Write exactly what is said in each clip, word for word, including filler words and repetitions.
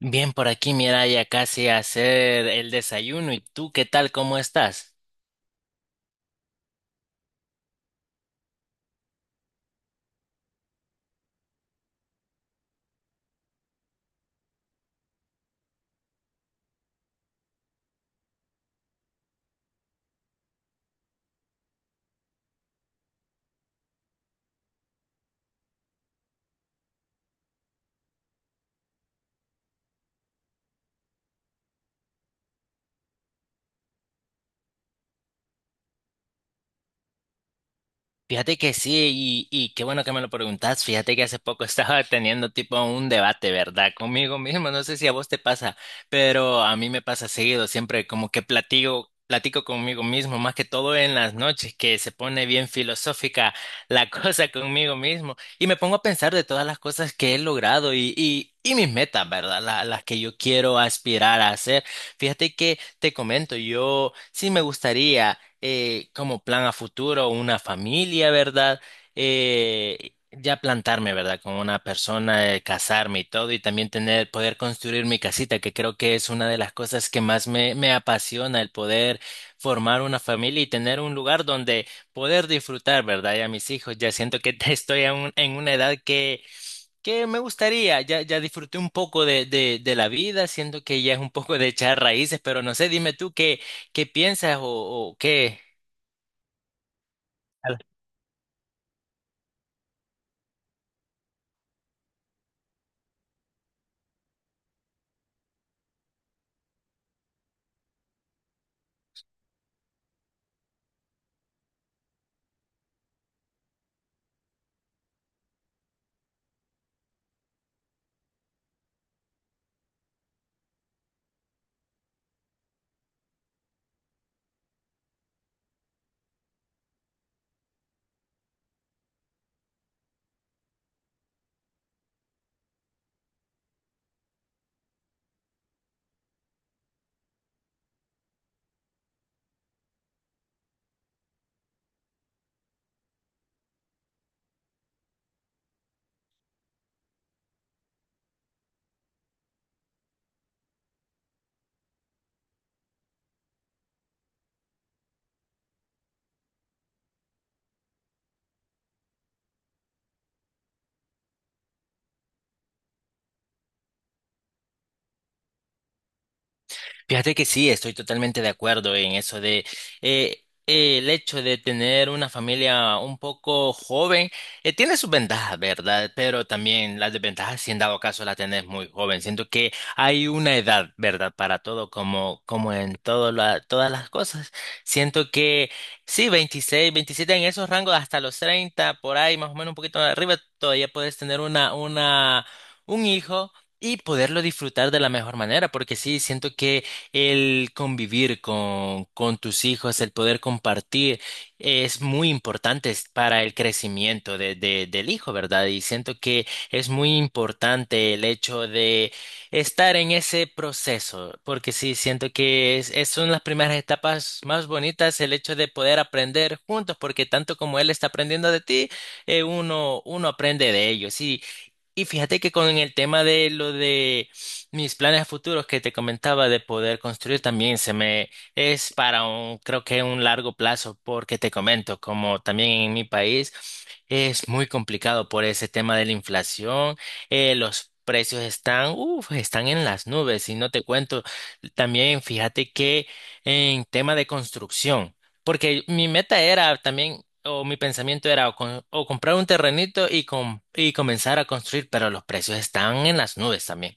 Bien, por aquí, mira, ya casi a hacer el desayuno. ¿Y tú qué tal? ¿Cómo estás? Fíjate que sí, y, y qué bueno que me lo preguntas. Fíjate que hace poco estaba teniendo tipo un debate, ¿verdad? Conmigo mismo. No sé si a vos te pasa, pero a mí me pasa seguido. Siempre como que platico, platico conmigo mismo, más que todo en las noches, que se pone bien filosófica la cosa conmigo mismo. Y me pongo a pensar de todas las cosas que he logrado y, y, y mis metas, ¿verdad? La- las que yo quiero aspirar a hacer. Fíjate que te comento, yo sí me gustaría eh, como plan a futuro una familia, ¿verdad? Eh, ya plantarme, ¿verdad? Con una persona, eh, casarme y todo, y también tener, poder construir mi casita, que creo que es una de las cosas que más me, me apasiona, el poder formar una familia y tener un lugar donde poder disfrutar, ¿verdad? Y a mis hijos, ya siento que estoy en, un- en una edad que, que me gustaría, ya, ya disfruté un poco de, de, de la vida, siento que ya es un poco de echar raíces, pero no sé, dime tú qué, qué piensas o, o qué. Fíjate que sí, estoy totalmente de acuerdo en eso de eh, eh, el hecho de tener una familia un poco joven, eh, tiene sus ventajas, ¿verdad? Pero también las desventajas, si en dado caso la tenés muy joven. Siento que hay una edad, ¿verdad? Para todo, como, como en todo la- todas las cosas. Siento que sí, veintiséis, veintisiete en esos rangos, hasta los treinta por ahí, más o menos un poquito arriba, todavía puedes tener una, una, un hijo y poderlo disfrutar de la mejor manera, porque sí, siento que el convivir con, con tus hijos, el poder compartir, es muy importante es para el crecimiento de, de- del hijo, ¿verdad? Y siento que es muy importante el hecho de estar en ese proceso, porque sí, siento que es, es- son las primeras etapas más bonitas, el hecho de poder aprender juntos, porque tanto como él está aprendiendo de ti, eh, uno, uno aprende de ellos. Y fíjate que con el tema de lo de mis planes futuros que te comentaba de poder construir también se me es para un, creo que un largo plazo, porque te comento, como también en mi país es muy complicado por ese tema de la inflación, eh, los precios están, uf, están en las nubes y no te cuento. También fíjate que en tema de construcción, porque mi meta era también o mi pensamiento era o, con- o comprar un terrenito y, com- y comenzar a construir, pero los precios están en las nubes también.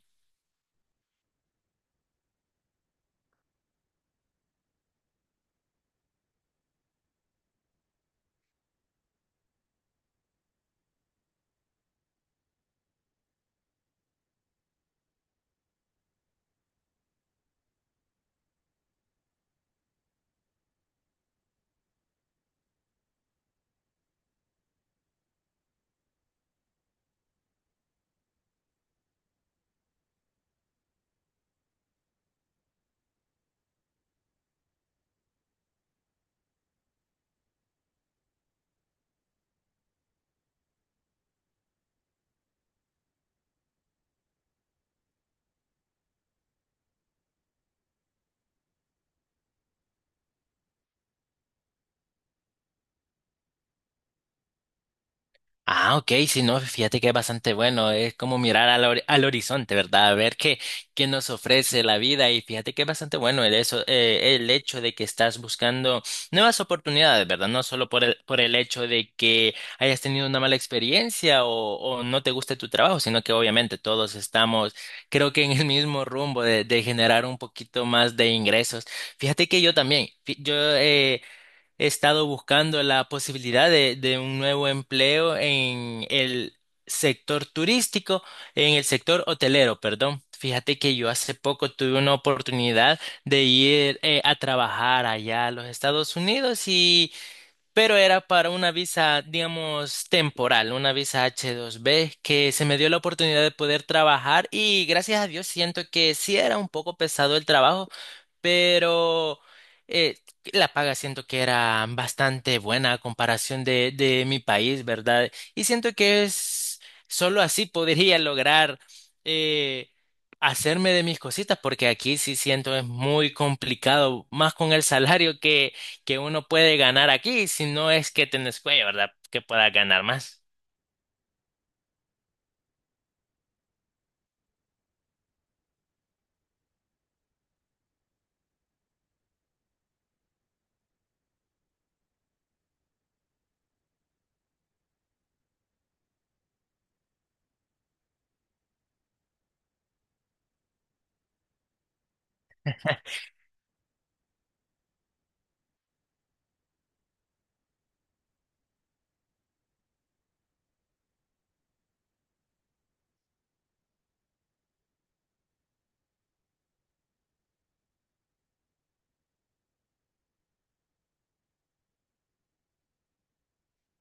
Ah, ok, si no, fíjate que es bastante bueno, es como mirar al, hori- al horizonte, ¿verdad? A ver qué, qué nos ofrece la vida y fíjate que es bastante bueno el, eso, eh, el hecho de que estás buscando nuevas oportunidades, ¿verdad? No solo por el, por el hecho de que hayas tenido una mala experiencia o, o no te guste tu trabajo, sino que obviamente todos estamos, creo que en el mismo rumbo de, de generar un poquito más de ingresos. Fíjate que yo también, fi- yo... Eh, He estado buscando la posibilidad de, de un nuevo empleo en el sector turístico, en el sector hotelero, perdón. Fíjate que yo hace poco tuve una oportunidad de ir eh, a trabajar allá a los Estados Unidos y, pero era para una visa, digamos, temporal, una visa H dos B que se me dio la oportunidad de poder trabajar y gracias a Dios siento que sí era un poco pesado el trabajo pero eh, la paga siento que era bastante buena a comparación de, de mi país, ¿verdad? Y siento que es solo así podría lograr eh, hacerme de mis cositas, porque aquí sí siento es muy complicado, más con el salario que, que uno puede ganar aquí, si no es que tenés cuello, ¿verdad? Que pueda ganar más.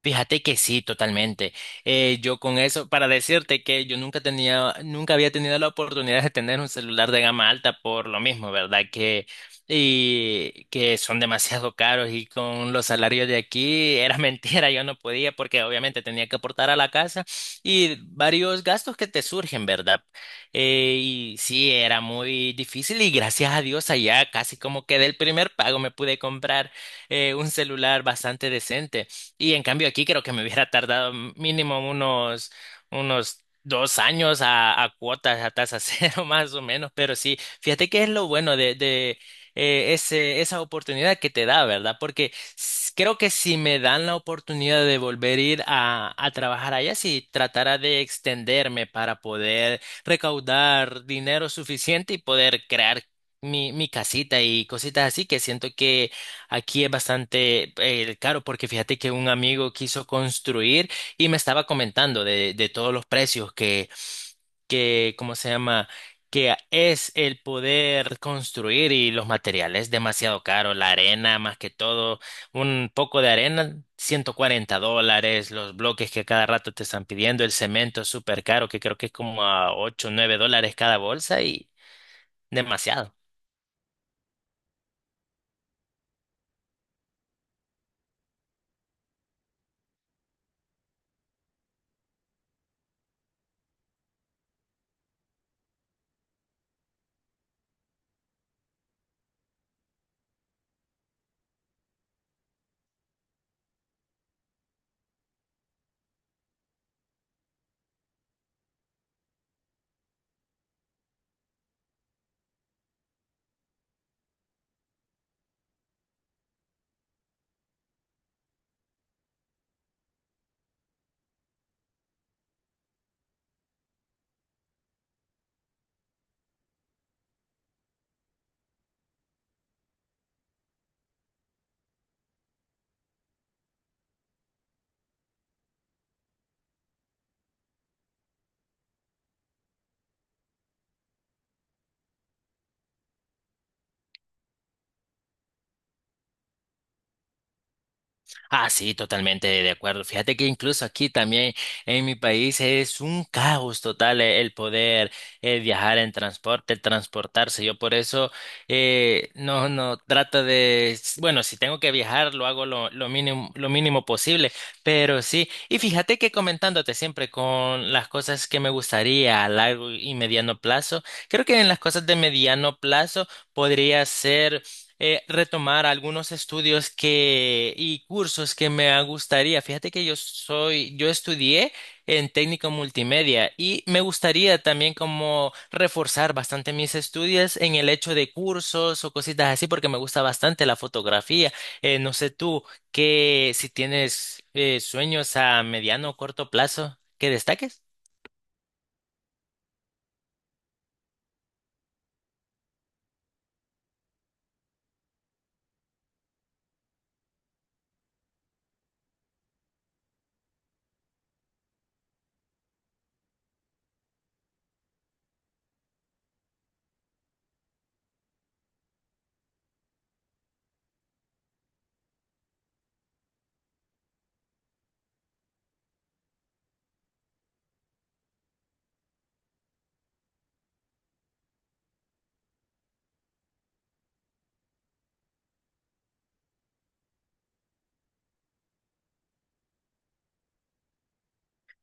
Fíjate que sí, totalmente. Eh, yo con eso, para decirte que yo nunca tenía, nunca había tenido la oportunidad de tener un celular de gama alta por lo mismo, ¿verdad? Que, y que son demasiado caros y con los salarios de aquí era mentira, yo no podía porque obviamente tenía que aportar a la casa y varios gastos que te surgen, ¿verdad? Eh, y sí, era muy difícil y gracias a Dios allá casi como que del primer pago me pude comprar eh, un celular bastante decente. Y en cambio aquí creo que me hubiera tardado mínimo unos, unos dos años a, a cuotas, a tasa cero más o menos, pero sí, fíjate que es lo bueno de, de eh, ese, esa oportunidad que te da, ¿verdad? Porque s- creo que si me dan la oportunidad de volver a ir a, a trabajar allá, si tratara de extenderme para poder recaudar dinero suficiente y poder crear mi, mi casita y cositas así, que siento que aquí es bastante eh, caro porque fíjate que un amigo quiso construir y me estaba comentando de, de todos los precios que, que, ¿cómo se llama? Que a- es el poder construir y los materiales demasiado caro, la arena más que todo, un poco de arena, ciento cuarenta dólares, los bloques que a cada rato te están pidiendo, el cemento es súper caro, que creo que es como a ocho o nueve dólares cada bolsa y demasiado. Ah, sí, totalmente de acuerdo. Fíjate que incluso aquí también en mi país es un caos total e- el poder eh, viajar en transporte, transportarse. Yo por eso eh, no, no trato de, s- bueno, si tengo que viajar, lo hago lo, lo mínimo, lo mínimo posible, pero sí. Y fíjate que comentándote siempre con las cosas que me gustaría a largo y mediano plazo, creo que en las cosas de mediano plazo podría ser eh, retomar algunos estudios que y cursos que me gustaría. Fíjate que yo soy, yo estudié en técnico multimedia y me gustaría también como reforzar bastante mis estudios en el hecho de cursos o cositas así porque me gusta bastante la fotografía. Eh, no sé tú que si tienes eh, sueños a mediano o corto plazo que destaques.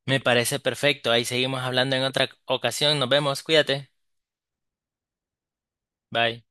Me parece perfecto. Ahí seguimos hablando en otra ocasión. Nos vemos. Cuídate. Bye.